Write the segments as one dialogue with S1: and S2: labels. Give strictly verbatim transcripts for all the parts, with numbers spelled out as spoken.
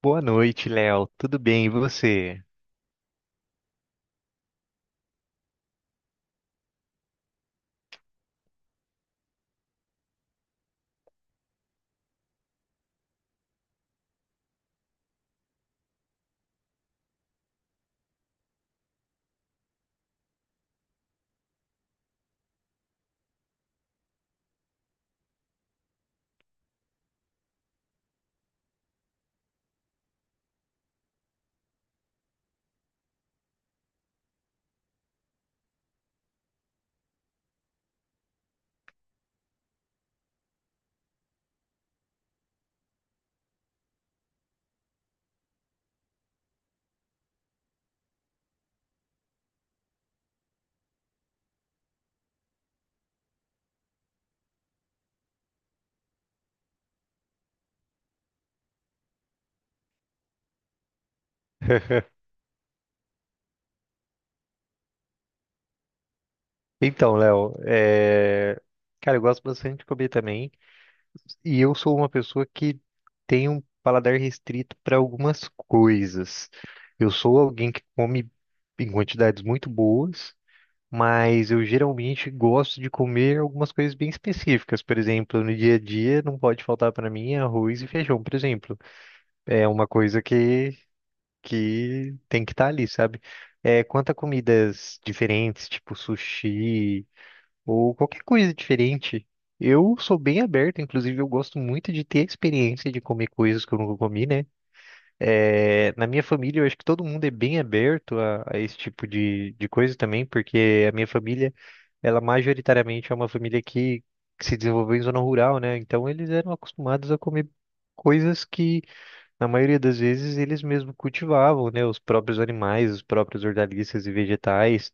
S1: Boa noite, Léo. Tudo bem, e você? Então, Léo, é, cara, eu gosto bastante de comer também. E eu sou uma pessoa que tem um paladar restrito para algumas coisas. Eu sou alguém que come em quantidades muito boas, mas eu geralmente gosto de comer algumas coisas bem específicas. Por exemplo, no dia a dia não pode faltar para mim arroz e feijão, por exemplo. É uma coisa que que tem que estar ali, sabe? É, quanto a comidas diferentes, tipo sushi ou qualquer coisa diferente, eu sou bem aberto, inclusive eu gosto muito de ter a experiência de comer coisas que eu nunca comi, né? É, na minha família, eu acho que todo mundo é bem aberto a, a esse tipo de, de coisa também, porque a minha família, ela majoritariamente é uma família que, que se desenvolveu em zona rural, né? Então eles eram acostumados a comer coisas que na maioria das vezes eles mesmo cultivavam, né, os próprios animais, os próprios hortaliças e vegetais.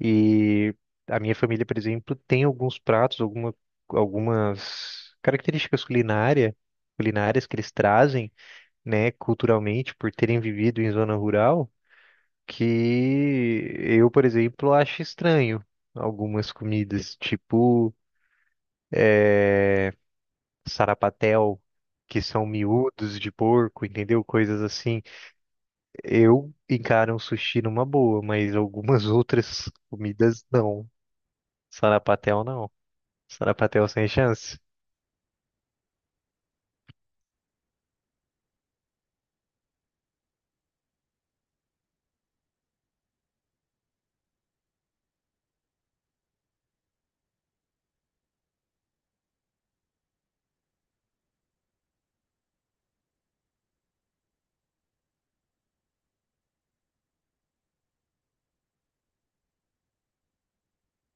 S1: E a minha família, por exemplo, tem alguns pratos, alguma, algumas características culinária, culinárias que eles trazem, né, culturalmente, por terem vivido em zona rural, que eu, por exemplo, acho estranho algumas comidas, tipo sarapatel, que são miúdos de porco, entendeu? Coisas assim. Eu encaro um sushi numa boa, mas algumas outras comidas não. Sarapatel não. Sarapatel sem chance.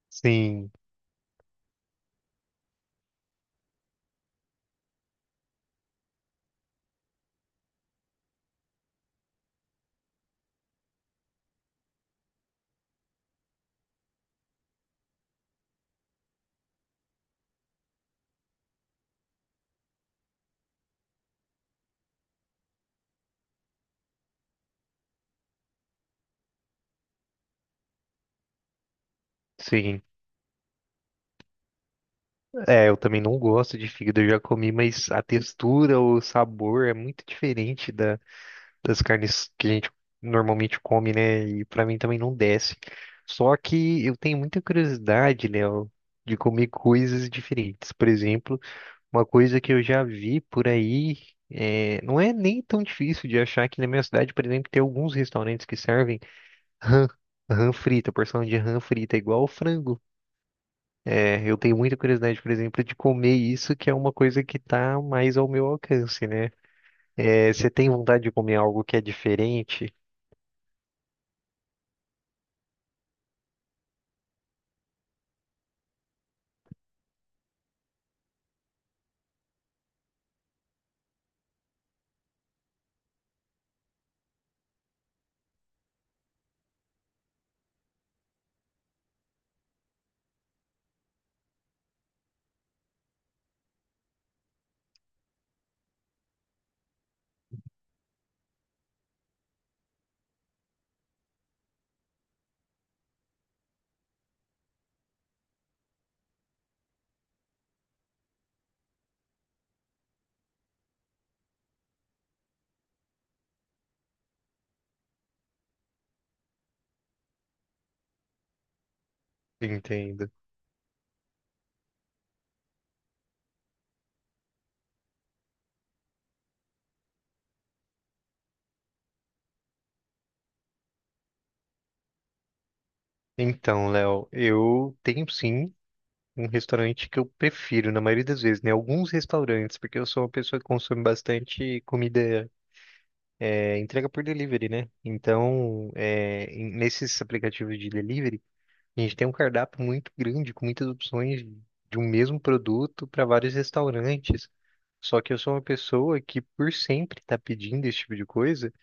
S1: Sim, sim. É, eu também não gosto de fígado, eu já comi, mas a textura, o sabor é muito diferente da, das carnes que a gente normalmente come, né? E pra mim também não desce. Só que eu tenho muita curiosidade, Léo, de comer coisas diferentes. Por exemplo, uma coisa que eu já vi por aí, é, não é nem tão difícil de achar que na minha cidade, por exemplo, tem alguns restaurantes que servem rã, rã frita, porção de rã frita, igual frango. É, eu tenho muita curiosidade, por exemplo, de comer isso, que é uma coisa que tá mais ao meu alcance, né? É, você tem vontade de comer algo que é diferente? Entendo. Então, Léo, eu tenho sim um restaurante que eu prefiro, na maioria das vezes, né? Alguns restaurantes, porque eu sou uma pessoa que consome bastante comida é entrega por delivery, né? Então, é, em- nesses aplicativos de delivery, a gente tem um cardápio muito grande, com muitas opções de um mesmo produto para vários restaurantes. Só que eu sou uma pessoa que, por sempre estar pedindo esse tipo de coisa,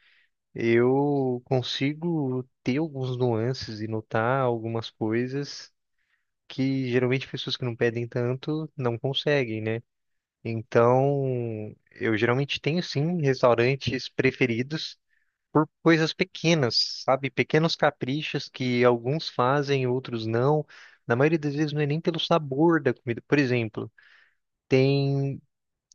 S1: eu consigo ter alguns nuances e notar algumas coisas que geralmente pessoas que não pedem tanto não conseguem, né? Então, eu geralmente tenho sim restaurantes preferidos por coisas pequenas, sabe? Pequenos caprichos que alguns fazem, outros não. Na maioria das vezes não é nem pelo sabor da comida. Por exemplo, tem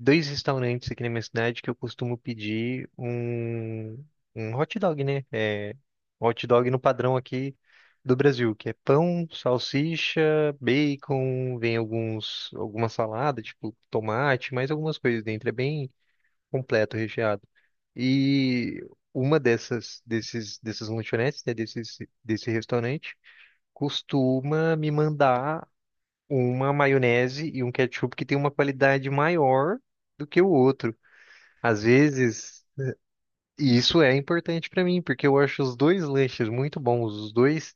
S1: dois restaurantes aqui na minha cidade que eu costumo pedir um, um hot dog, né? É, hot dog no padrão aqui do Brasil, que é pão, salsicha, bacon, vem alguns, alguma salada, tipo tomate, mais algumas coisas dentro. É bem completo, recheado. E uma dessas desses dessas lanchonetes, né, desses desse restaurante, costuma me mandar uma maionese e um ketchup que tem uma qualidade maior do que o outro. Às vezes e isso é importante pra mim, porque eu acho os dois lanches muito bons, os dois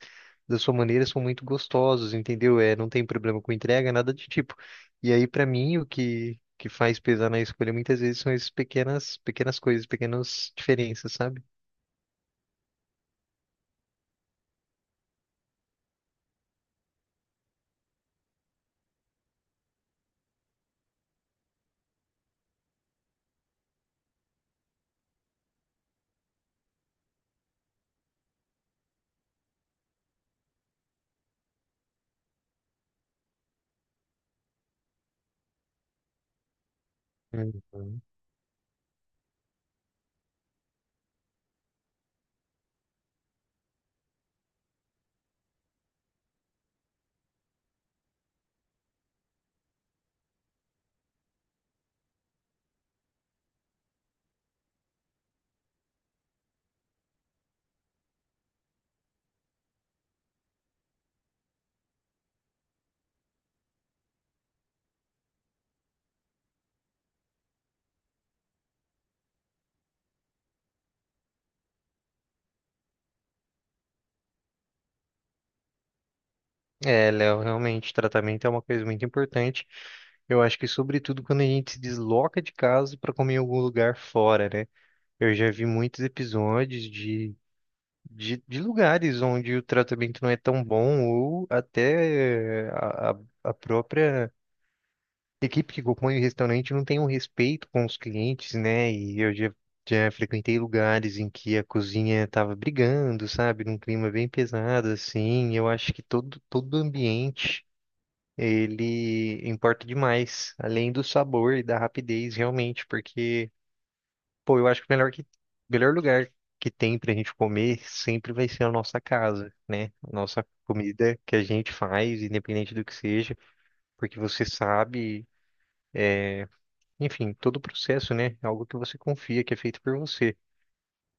S1: da sua maneira são muito gostosos, entendeu? É, não tem problema com entrega, nada de tipo. E aí pra mim o que que faz pesar na escolha muitas vezes são essas pequenas pequenas coisas, pequenas diferenças, sabe? Uhum. É, Léo, realmente tratamento é uma coisa muito importante. Eu acho que sobretudo quando a gente se desloca de casa para comer em algum lugar fora, né? Eu já vi muitos episódios de de, de lugares onde o tratamento não é tão bom ou até a, a a própria equipe que compõe o restaurante não tem um respeito com os clientes, né? E eu já, já frequentei lugares em que a cozinha estava brigando, sabe? Num clima bem pesado, assim. Eu acho que todo, todo ambiente... Ele importa demais, além do sabor e da rapidez, realmente, porque pô, eu acho que o melhor, que, melhor lugar que tem pra gente comer sempre vai ser a nossa casa, né? A nossa comida que a gente faz, independente do que seja, porque você sabe, enfim, todo o processo, né? É algo que você confia, que é feito por você.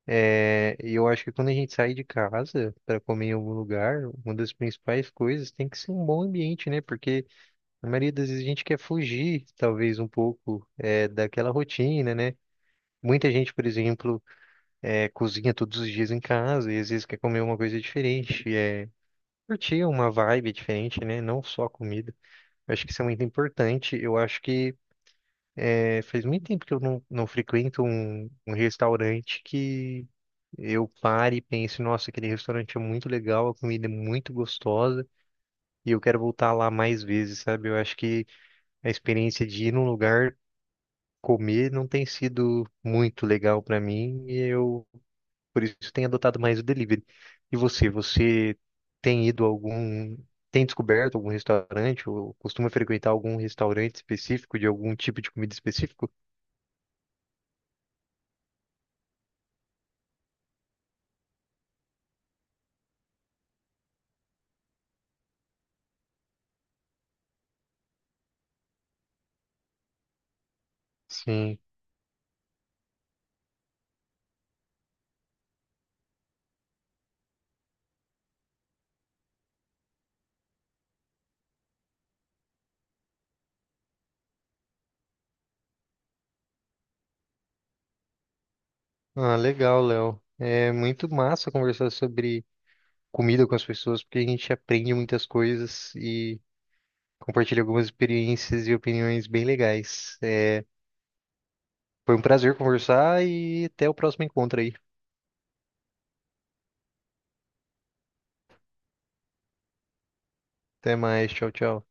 S1: É, e eu acho que quando a gente sai de casa para comer em algum lugar, uma das principais coisas tem que ser um bom ambiente, né? Porque na maioria das vezes a gente quer fugir, talvez, um pouco, é, daquela rotina, né? Muita gente, por exemplo, é, cozinha todos os dias em casa e às vezes quer comer uma coisa diferente, é curtir uma vibe diferente, né? Não só a comida. Eu acho que isso é muito importante. Eu acho que é, faz muito tempo que eu não, não frequento um, um restaurante que eu pare e pense, nossa, aquele restaurante é muito legal, a comida é muito gostosa e eu quero voltar lá mais vezes, sabe? Eu acho que a experiência de ir num lugar comer não tem sido muito legal para mim e eu por isso tem adotado mais o delivery. E você, você tem ido a algum, tem descoberto algum restaurante ou costuma frequentar algum restaurante específico de algum tipo de comida específico? Sim. Ah, legal, Léo. É muito massa conversar sobre comida com as pessoas, porque a gente aprende muitas coisas e compartilha algumas experiências e opiniões bem legais. É, foi um prazer conversar e até o próximo encontro aí. Até mais, tchau, tchau.